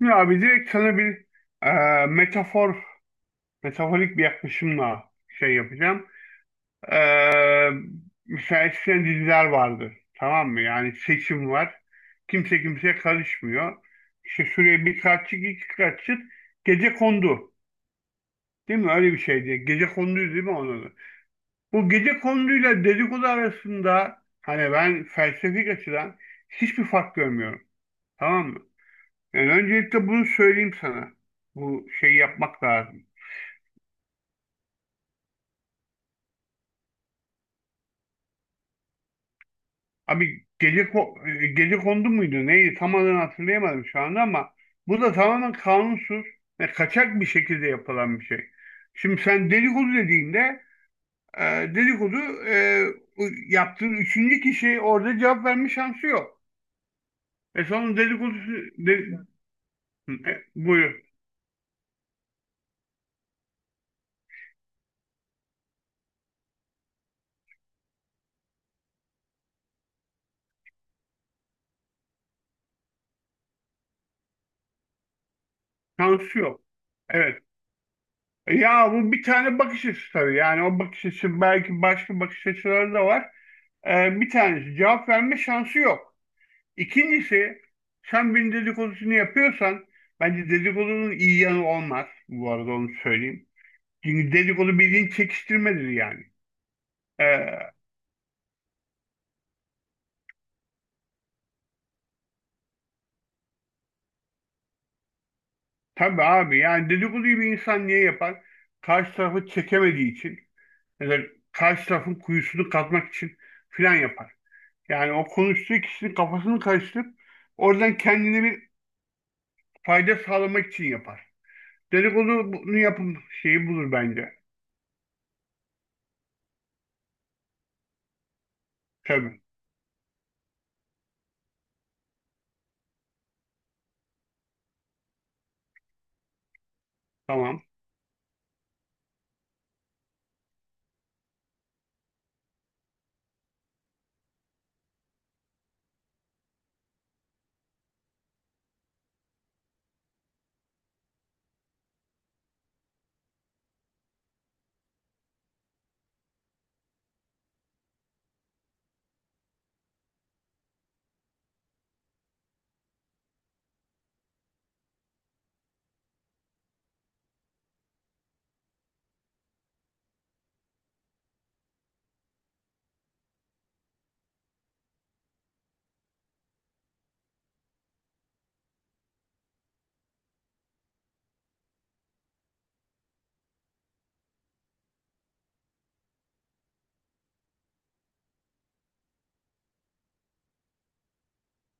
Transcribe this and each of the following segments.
Ya abi direkt sana bir e, metafor, metaforik bir yaklaşımla şey yapacağım. E, mesela eskiden diziler vardı. Tamam mı? Yani seçim var. Kimse kimseye karışmıyor. İşte şuraya bir kaççık, iki kaççık. Gece kondu. Değil mi? Öyle bir şeydi. Gece konduydu değil mi onun adı? Bu gece konduyla dedikodu arasında hani ben felsefik açıdan hiçbir fark görmüyorum. Tamam mı? Yani öncelikle bunu söyleyeyim sana. Bu şeyi yapmak lazım. Abi gece kondu muydu? Neydi? Tam adını hatırlayamadım şu anda, ama bu da tamamen kanunsuz ve kaçak bir şekilde yapılan bir şey. Şimdi sen dedikodu dediğinde e, dedikodu e, yaptığın üçüncü kişi orada cevap verme şansı yok. Sonra dedikodu de, buyur. Şansı yok. Evet. Ya bu bir tane bakış açısı tabii. Yani o bakış açısı, belki başka bakış açıları da var. Bir tanesi, cevap verme şansı yok. İkincisi, sen bir dedikodusunu yapıyorsan bence dedikodunun iyi yanı olmaz. Bu arada onu söyleyeyim. Çünkü dedikodu bildiğin çekiştirmedir yani. Ee, tabii abi, yani dedikoduyu bir insan niye yapar? Karşı tarafı çekemediği için, ya da karşı tarafın kuyusunu kazmak için filan yapar. Yani o konuştuğu kişinin kafasını karıştırıp oradan kendine bir fayda sağlamak için yapar. Dedikodu bunu yapım şeyi bulur bence. Tabii. Tamam.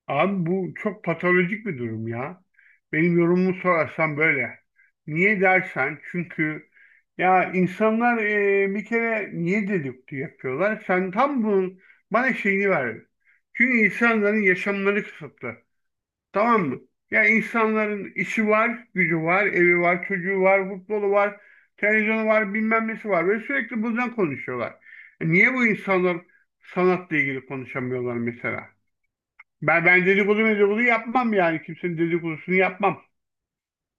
Abi, bu çok patolojik bir durum ya. Benim yorumumu sorarsan böyle. Niye dersen, çünkü ya insanlar bir kere niye dedikti yapıyorlar? Sen tam bunun bana şeyini ver. Çünkü insanların yaşamları kısıtlı. Tamam mı? Ya insanların işi var, gücü var, evi var, çocuğu var, futbolu var, televizyonu var, bilmem nesi var. Ve sürekli bundan konuşuyorlar. Niye bu insanlar sanatla ilgili konuşamıyorlar mesela? Ben dedikodu medikodu yapmam yani. Kimsenin dedikodusunu yapmam.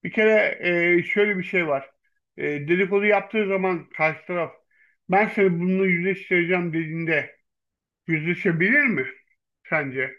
Bir kere şöyle bir şey var. Dedikodu yaptığı zaman karşı taraf, ben seni bununla yüzleştireceğim dediğinde, yüzleşebilir mi sence?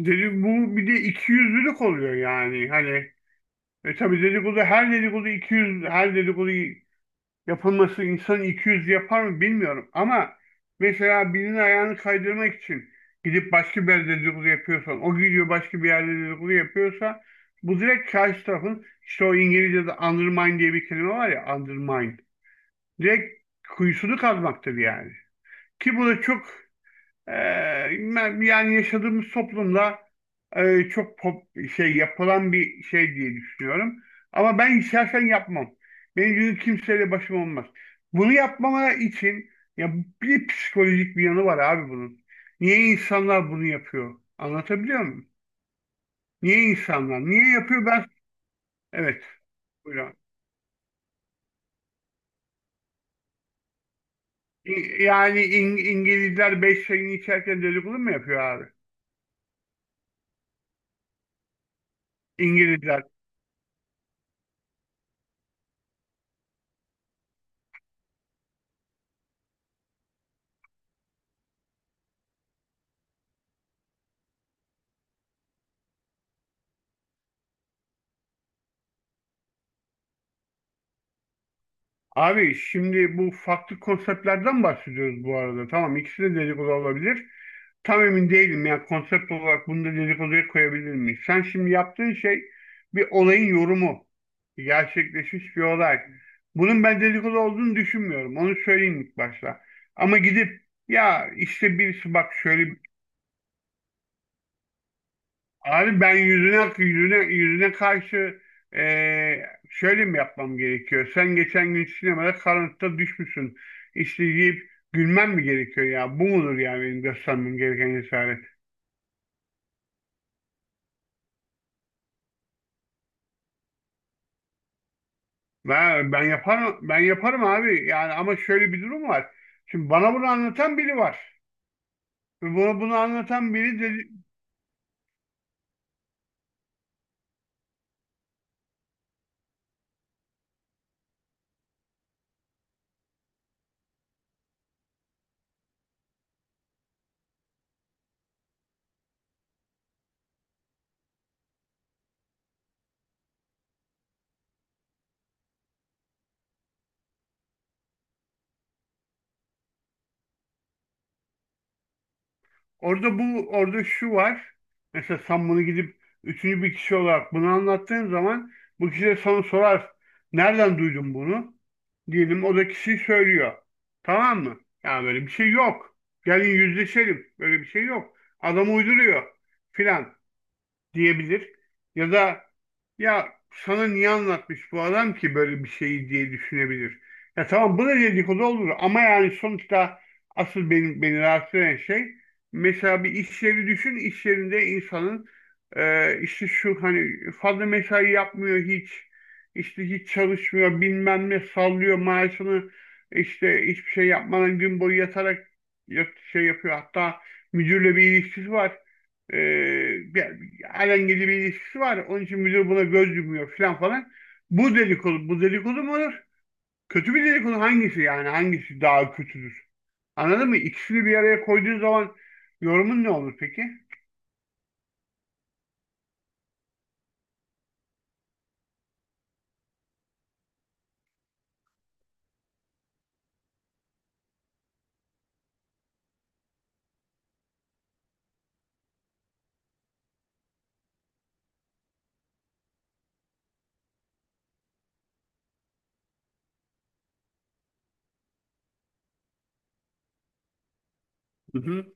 Bu bir de ikiyüzlülük oluyor yani. Hani tabii dedikodu, her dedikodu iki yüz, her dedikodu yapılması insan 200 yapar mı bilmiyorum, ama mesela birinin ayağını kaydırmak için gidip başka bir yerde dedikodu yapıyorsan, o gidiyor başka bir yerde dedikodu yapıyorsa, bu direkt karşı tarafın, işte o İngilizce'de undermine diye bir kelime var ya, undermine, direkt kuyusunu kazmaktır yani. Ki bu da çok ee, yani yaşadığımız toplumda çok şey yapılan bir şey diye düşünüyorum. Ama ben şahsen yapmam. Benim gibi kimseyle başım olmaz. Bunu yapmama için, ya, bir psikolojik bir yanı var abi bunun. Niye insanlar bunu yapıyor? Anlatabiliyor muyum? Niye insanlar? Niye yapıyor ben? Evet. Buyurun. İngilizler beş çayını içerken dedikodu mu yapıyor abi? İngilizler Abi şimdi bu farklı konseptlerden bahsediyoruz bu arada. Tamam, ikisi de dedikodu olabilir. Tam emin değilim ya, konsept olarak bunu da dedikoduya koyabilir miyiz? Sen şimdi yaptığın şey bir olayın yorumu. Gerçekleşmiş bir olay. Bunun ben dedikodu olduğunu düşünmüyorum. Onu söyleyeyim ilk başta. Ama gidip, ya işte birisi bak şöyle. Abi ben yüzüne karşı şöyle mi yapmam gerekiyor? Sen geçen gün sinemada karanlıkta düşmüşsün, İşte deyip gülmem mi gerekiyor ya? Bu mudur yani benim göstermem gereken cesaret? Ben yaparım, ben yaparım abi. Yani, ama şöyle bir durum var. Şimdi bana bunu anlatan biri var. Ve bunu anlatan biri de. Orada şu var. Mesela sen bunu gidip üçüncü bir kişi olarak bunu anlattığın zaman, bu kişi de sana sorar. Nereden duydun bunu? Diyelim o da kişi söylüyor. Tamam mı? Ya böyle bir şey yok. Gelin yüzleşelim. Böyle bir şey yok. Adam uyduruyor filan diyebilir. Ya da, ya sana niye anlatmış bu adam ki böyle bir şeyi, diye düşünebilir. Ya tamam, bu da dedikodu olur, ama yani sonuçta asıl beni rahatsız eden şey, mesela bir iş yeri düşün, iş yerinde insanın işte şu hani fazla mesai yapmıyor hiç, işte hiç çalışmıyor, bilmem ne sallıyor maaşını, işte hiçbir şey yapmadan gün boyu yatarak şey yapıyor, hatta müdürle bir ilişkisi var. Ee, bir, alengili bir ilişkisi var. Onun için müdür buna göz yumuyor falan falan. Bu dedikodu mu olur? Kötü bir dedikodu hangisi yani? Hangisi daha kötüdür? Anladın mı? İkisini bir araya koyduğun zaman yorumun ne olur peki? Hı hı,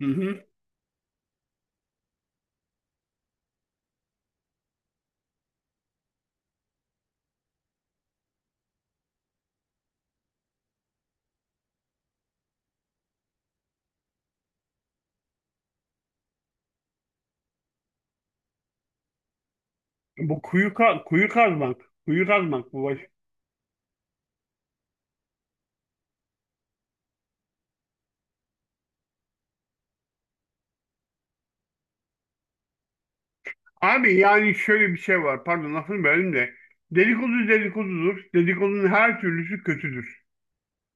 hı hı. Kuyu kazmak. Kuyu kazmak bu baş. Abi yani şöyle bir şey var. Pardon lafını böldüm de. Dedikodu dedikodudur. Dedikodunun her türlüsü kötüdür.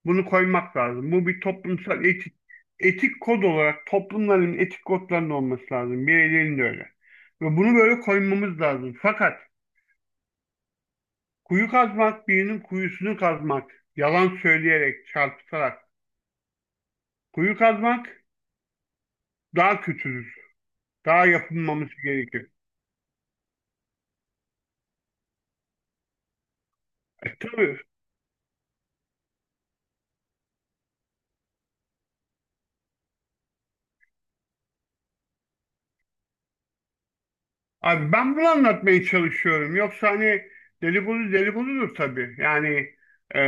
Bunu koymak lazım. Bu bir toplumsal etik kod olarak toplumların etik kodlarının olması lazım. Bireylerin de öyle. Ve bunu böyle koymamız lazım. Fakat kuyu kazmak, birinin kuyusunu kazmak, yalan söyleyerek, çarpıtarak kuyu kazmak, daha kötüdür. Daha yapılmaması gerekir. Tabii. Abi ben bunu anlatmaya çalışıyorum. Yoksa hani deli bulu deli buludur tabii. Yani. e,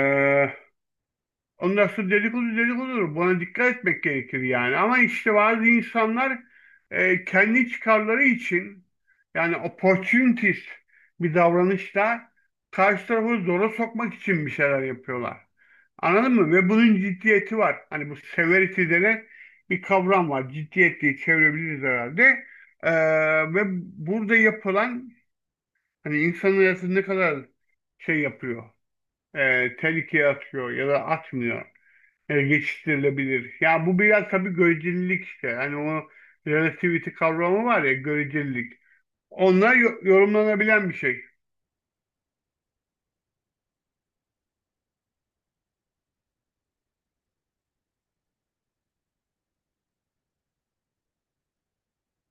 Ondan sonra dedikodu dedikodudur. Buna dikkat etmek gerekir yani. Ama işte bazı insanlar kendi çıkarları için, yani opportunist bir davranışla karşı tarafı zora sokmak için bir şeyler yapıyorlar. Anladın mı? Ve bunun ciddiyeti var. Hani bu severity denen bir kavram var. Ciddiyet diye çevirebiliriz herhalde. E, ve burada yapılan, hani insanın hayatını ne kadar şey yapıyor, tehlikeye atıyor ya da atmıyor, geçiştirilebilir. Ya bu biraz tabii görecelilik işte. Hani o relativity kavramı var ya, görecelilik. Onlar yorumlanabilen bir şey.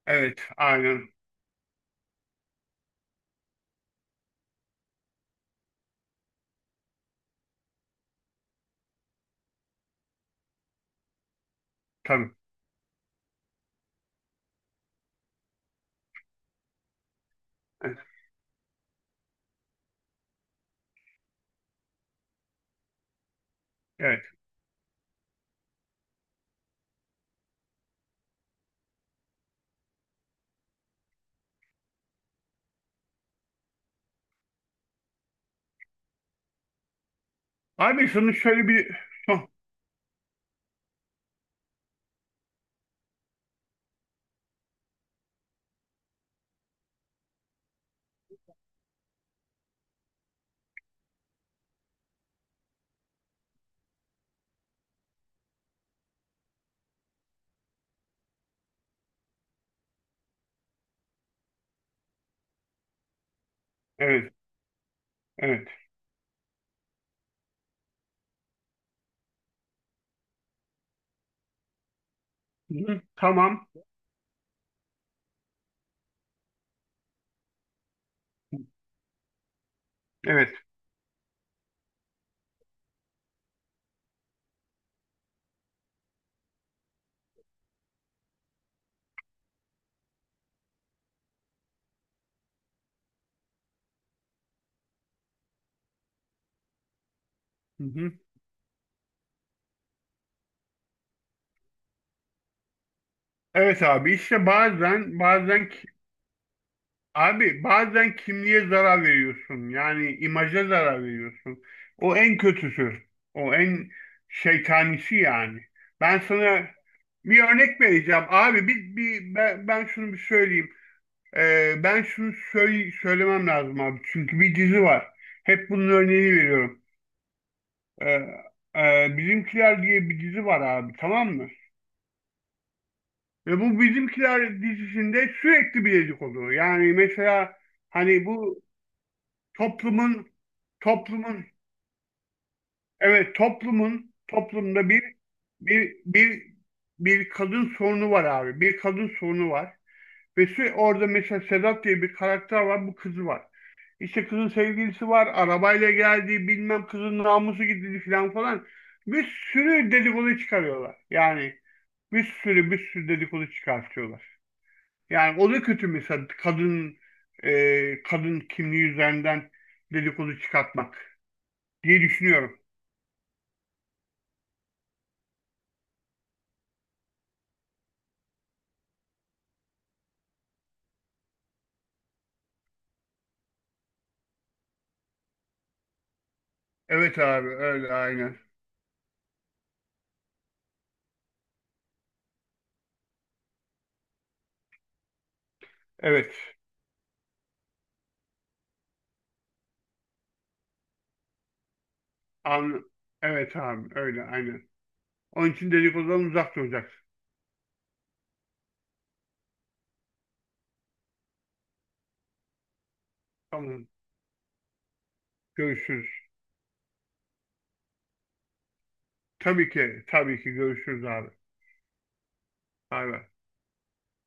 Evet, aynen. Tabii. Evet. Evet. Abi şunu şöyle bir son. Evet. Evet. Hı-hı. Tamam. Evet. Hı-hı. Evet abi, işte bazen bazen. Abi bazen kimliğe zarar veriyorsun. Yani imaja zarar veriyorsun. O en kötüsü. O en şeytanisi yani. Ben sana bir örnek vereceğim. Abi bir, ben şunu bir söyleyeyim. Ben şunu söylemem lazım abi. Çünkü bir dizi var. Hep bunun örneğini veriyorum. Ee, Bizimkiler diye bir dizi var abi, tamam mı? Ve bu Bizimkiler dizisinde sürekli bir dedik oluyor. Yani mesela hani bu toplumun toplumun, evet, toplumda bir bir bir kadın sorunu var abi. Bir kadın sorunu var. Ve orada mesela Sedat diye bir karakter var. Bu, kızı var. İşte kızın sevgilisi var. Arabayla geldi. Bilmem kızın namusu gidildi falan falan. Bir sürü dedikodu çıkarıyorlar. Yani bir sürü bir sürü dedikodu çıkartıyorlar. Yani o da kötü, mesela kadın kimliği üzerinden dedikodu çıkartmak diye düşünüyorum. Evet abi, öyle aynen. Evet. An evet abi, öyle aynen. Onun için dedikodudan uzak duracaksın. Tamam. Görüşürüz. Tabii ki tabii ki görüşürüz abi. Bay bay.